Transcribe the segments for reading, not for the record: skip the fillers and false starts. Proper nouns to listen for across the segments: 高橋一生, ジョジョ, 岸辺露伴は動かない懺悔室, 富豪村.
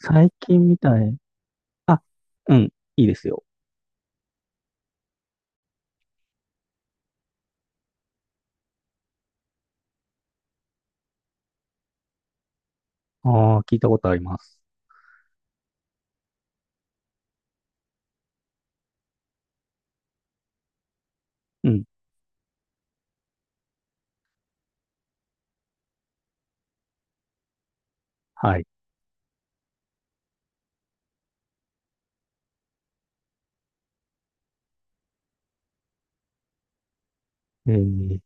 最近みたい。あ、うん、いいですよ。ああ、聞いたことあります。うん、はい。えー、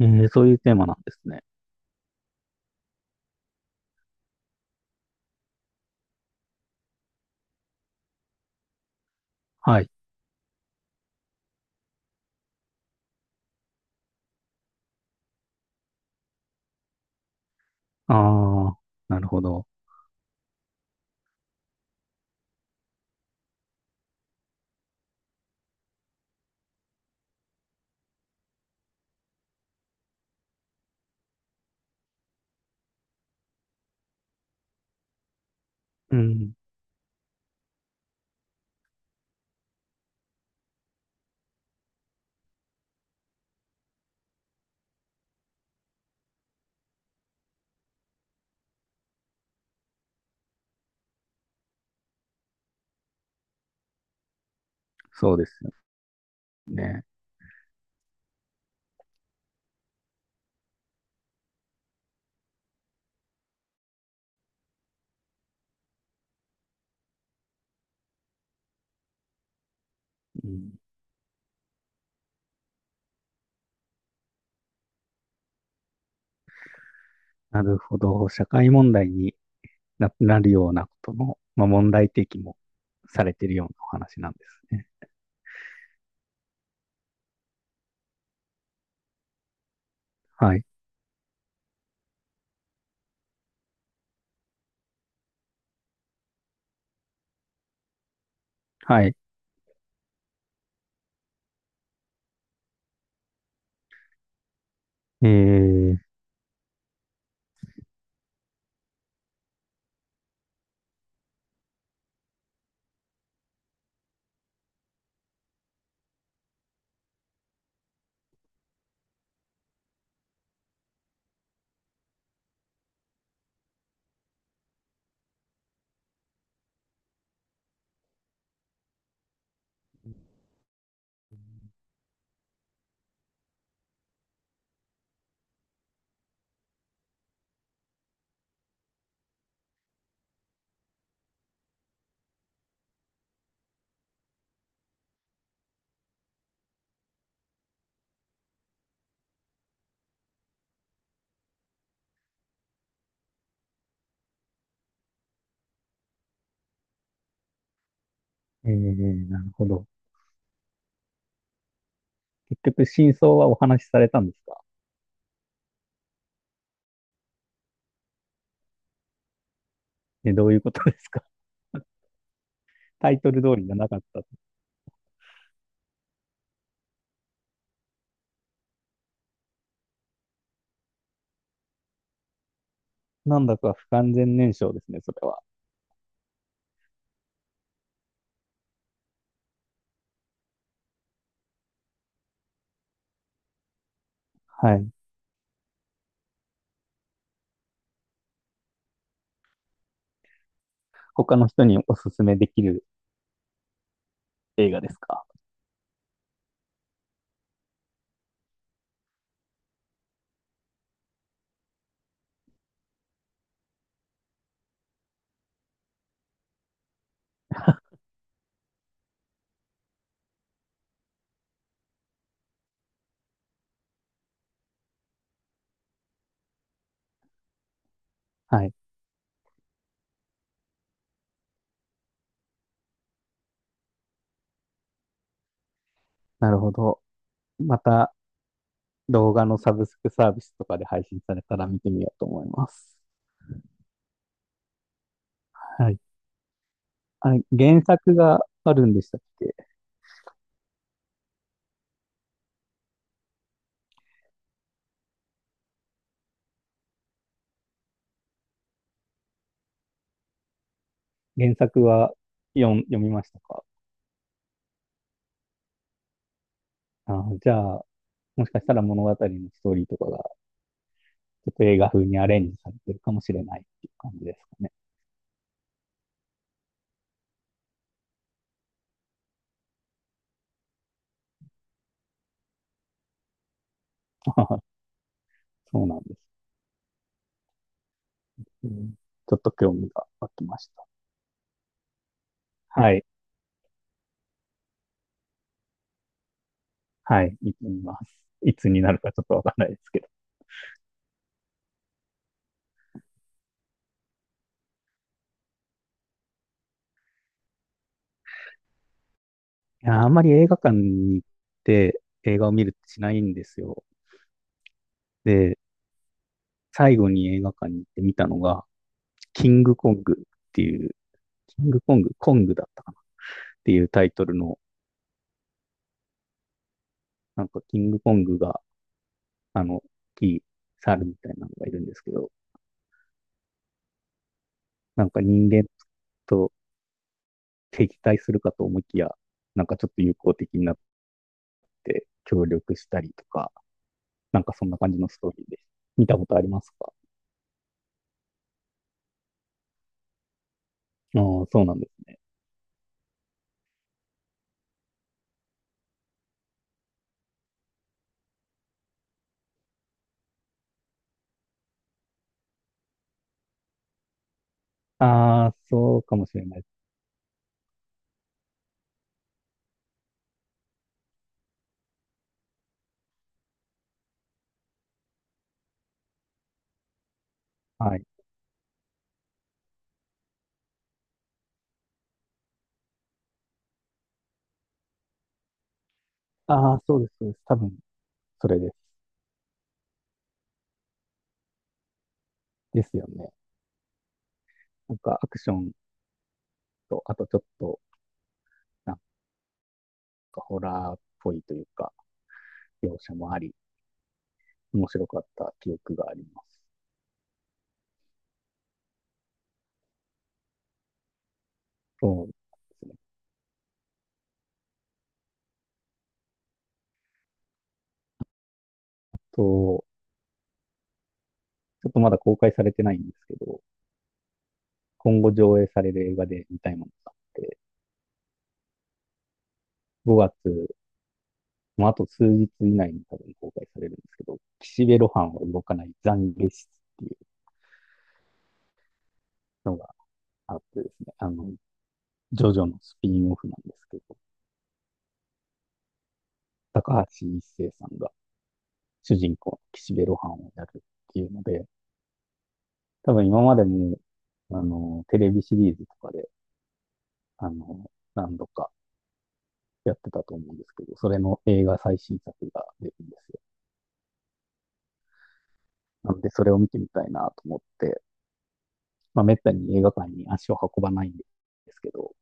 えーそういうテーマなんですね。はい。ああ、なるほど。うん、そうですよね。うん、なるほど。社会問題になるようなことの、まあ、問題提起もされてるようなお話なんですね。はい。はい。えー、なるほど。結局、真相はお話しされたんですか？え、どういうことですか？ タイトル通りじゃなかった。なんだか不完全燃焼ですね、それは。はい。他の人におすすめできる映画ですか？はい。なるほど。また、動画のサブスクサービスとかで配信されたら見てみようと思います。はい。あれ、原作があるんでしたっけ？原作は読みましたか？あー、じゃあ、もしかしたら物語のストーリーとかがちょっと映画風にアレンジされてるかもしれないっていう感じですかね。そうなんです、うん。ちょっと興味が湧きました。はい。はい。見てみます。いつになるかちょっとわかんないですけど。いや、あんまり映画館に行って映画を見るってしないんですよ。で、最後に映画館に行って見たのが、キングコングっていう、キングコング、コングだったかなっていうタイトルの、なんかキングコングが、大きい猿みたいなのがいるんですけど、なんか人間と敵対するかと思いきや、なんかちょっと友好的になって協力したりとか、なんかそんな感じのストーリーです。見たことありますか？ああ、そうなんです。ああ、そうかもしれないです。はい。ああ、そうです、そうです。多分、それです。ですよね。なんかアクションと、あとちょっと、なんかホラーっぽいというか、描写もあり、面白かった記憶があります。そうですね。と、ちょっとまだ公開されてないんですけど、今後上映される映画で見たいものがあって、5月もうあと数日以内に多分公開されるんですけど、岸辺露伴は動かない懺悔室っていうのがあってですね、ジョジョのスピンオフなんですけど、高橋一生さんが主人公の岸辺露伴をやるっていうので、多分今までも、テレビシリーズとかで、あの、何度かやってたと思うんですけど、それの映画最新作が出るんですよ。なので、それを見てみたいなと思って、まあ、めったに映画館に足を運ばないんですけど、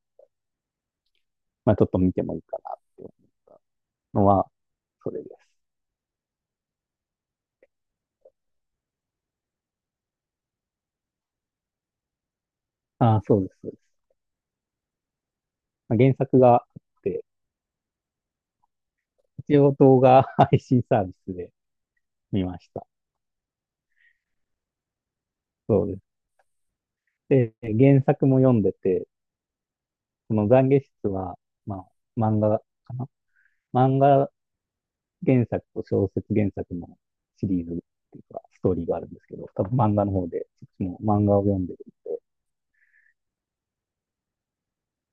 まあちょっと見てもいいかなって思ったのは、それです。ああ、そうです、そうです。まあ、原作があって、一応動画配信サービスで見ました。そうです。で、原作も読んでて、この懺悔室は、まあ、漫画かな漫画原作と小説原作のシリーズっていうか、ストーリーがあるんですけど、多分漫画の方で、そっちも漫画を読んでる、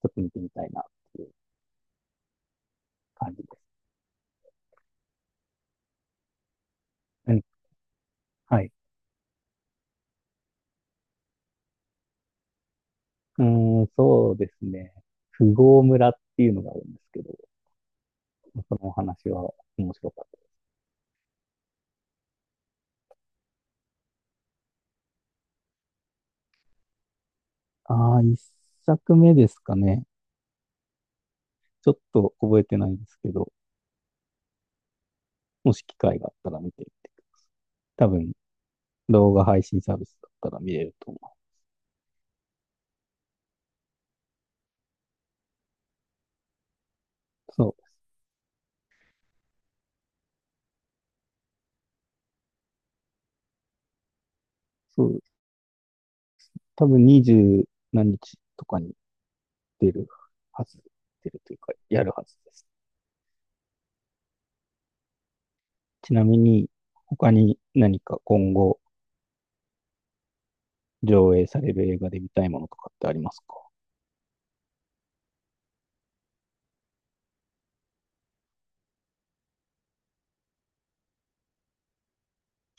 ちょっと見てみたいなっていう感じです。うん、はい。うーん、そうですね。富豪村っていうのがあるんですけど、そのお話は面白かった。ああ、一作目ですかね。ちょっと覚えてないですけど、もし機会があったら見てみて。多分、動画配信サービスだったら見れると思う。そう、そう、多分20何日とかに出るはず、出るというか、やるはずです。ちなみに、他に何か今後上映される映画で見たいものとかってありますか？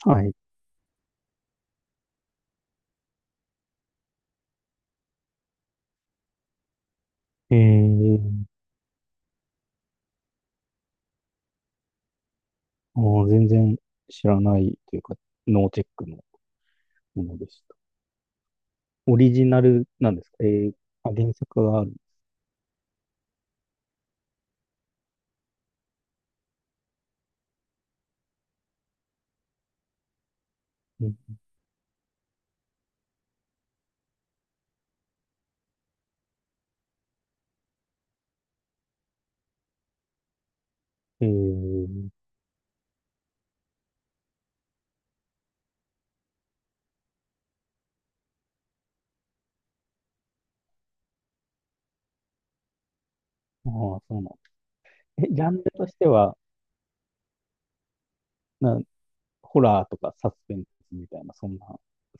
はい。えー、もう全然知らないというか、ノーチェックのものでした。オリジナルなんですか？えー、あ、原作がある。うん。えー、ああ、そうなんだ。え、ジャンルとしては、な、ホラーとかサスペンスみたいな、そんな、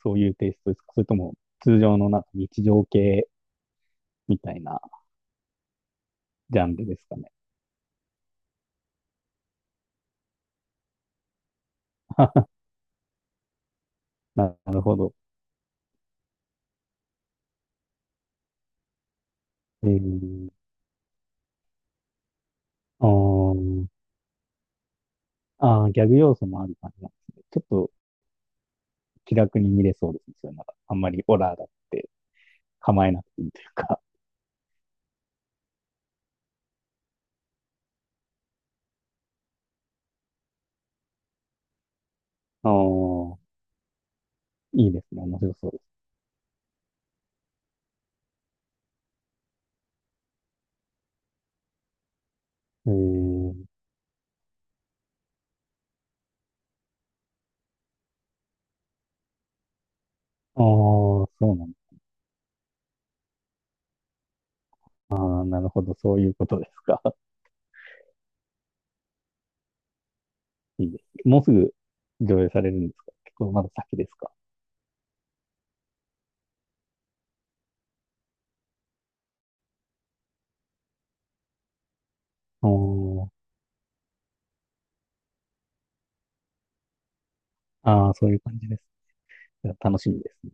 そういうテイストですか？それとも、通常のなんか日常系みたいなジャンルですかね。なるほど。えー、あーあー、ギャグ要素もある感じなんですね。ちょっと気楽に見れそうですね。それなんか、あんまりホラーだって構えなくていいというか。ああ、いいですね。面白そうです。えーああ、そうなんだ。なるほど。そういうことですか。いいですね。もうすぐ上映されるんですか？結構まだ先ですか？あーあー、そういう感じです。いや楽しみですね。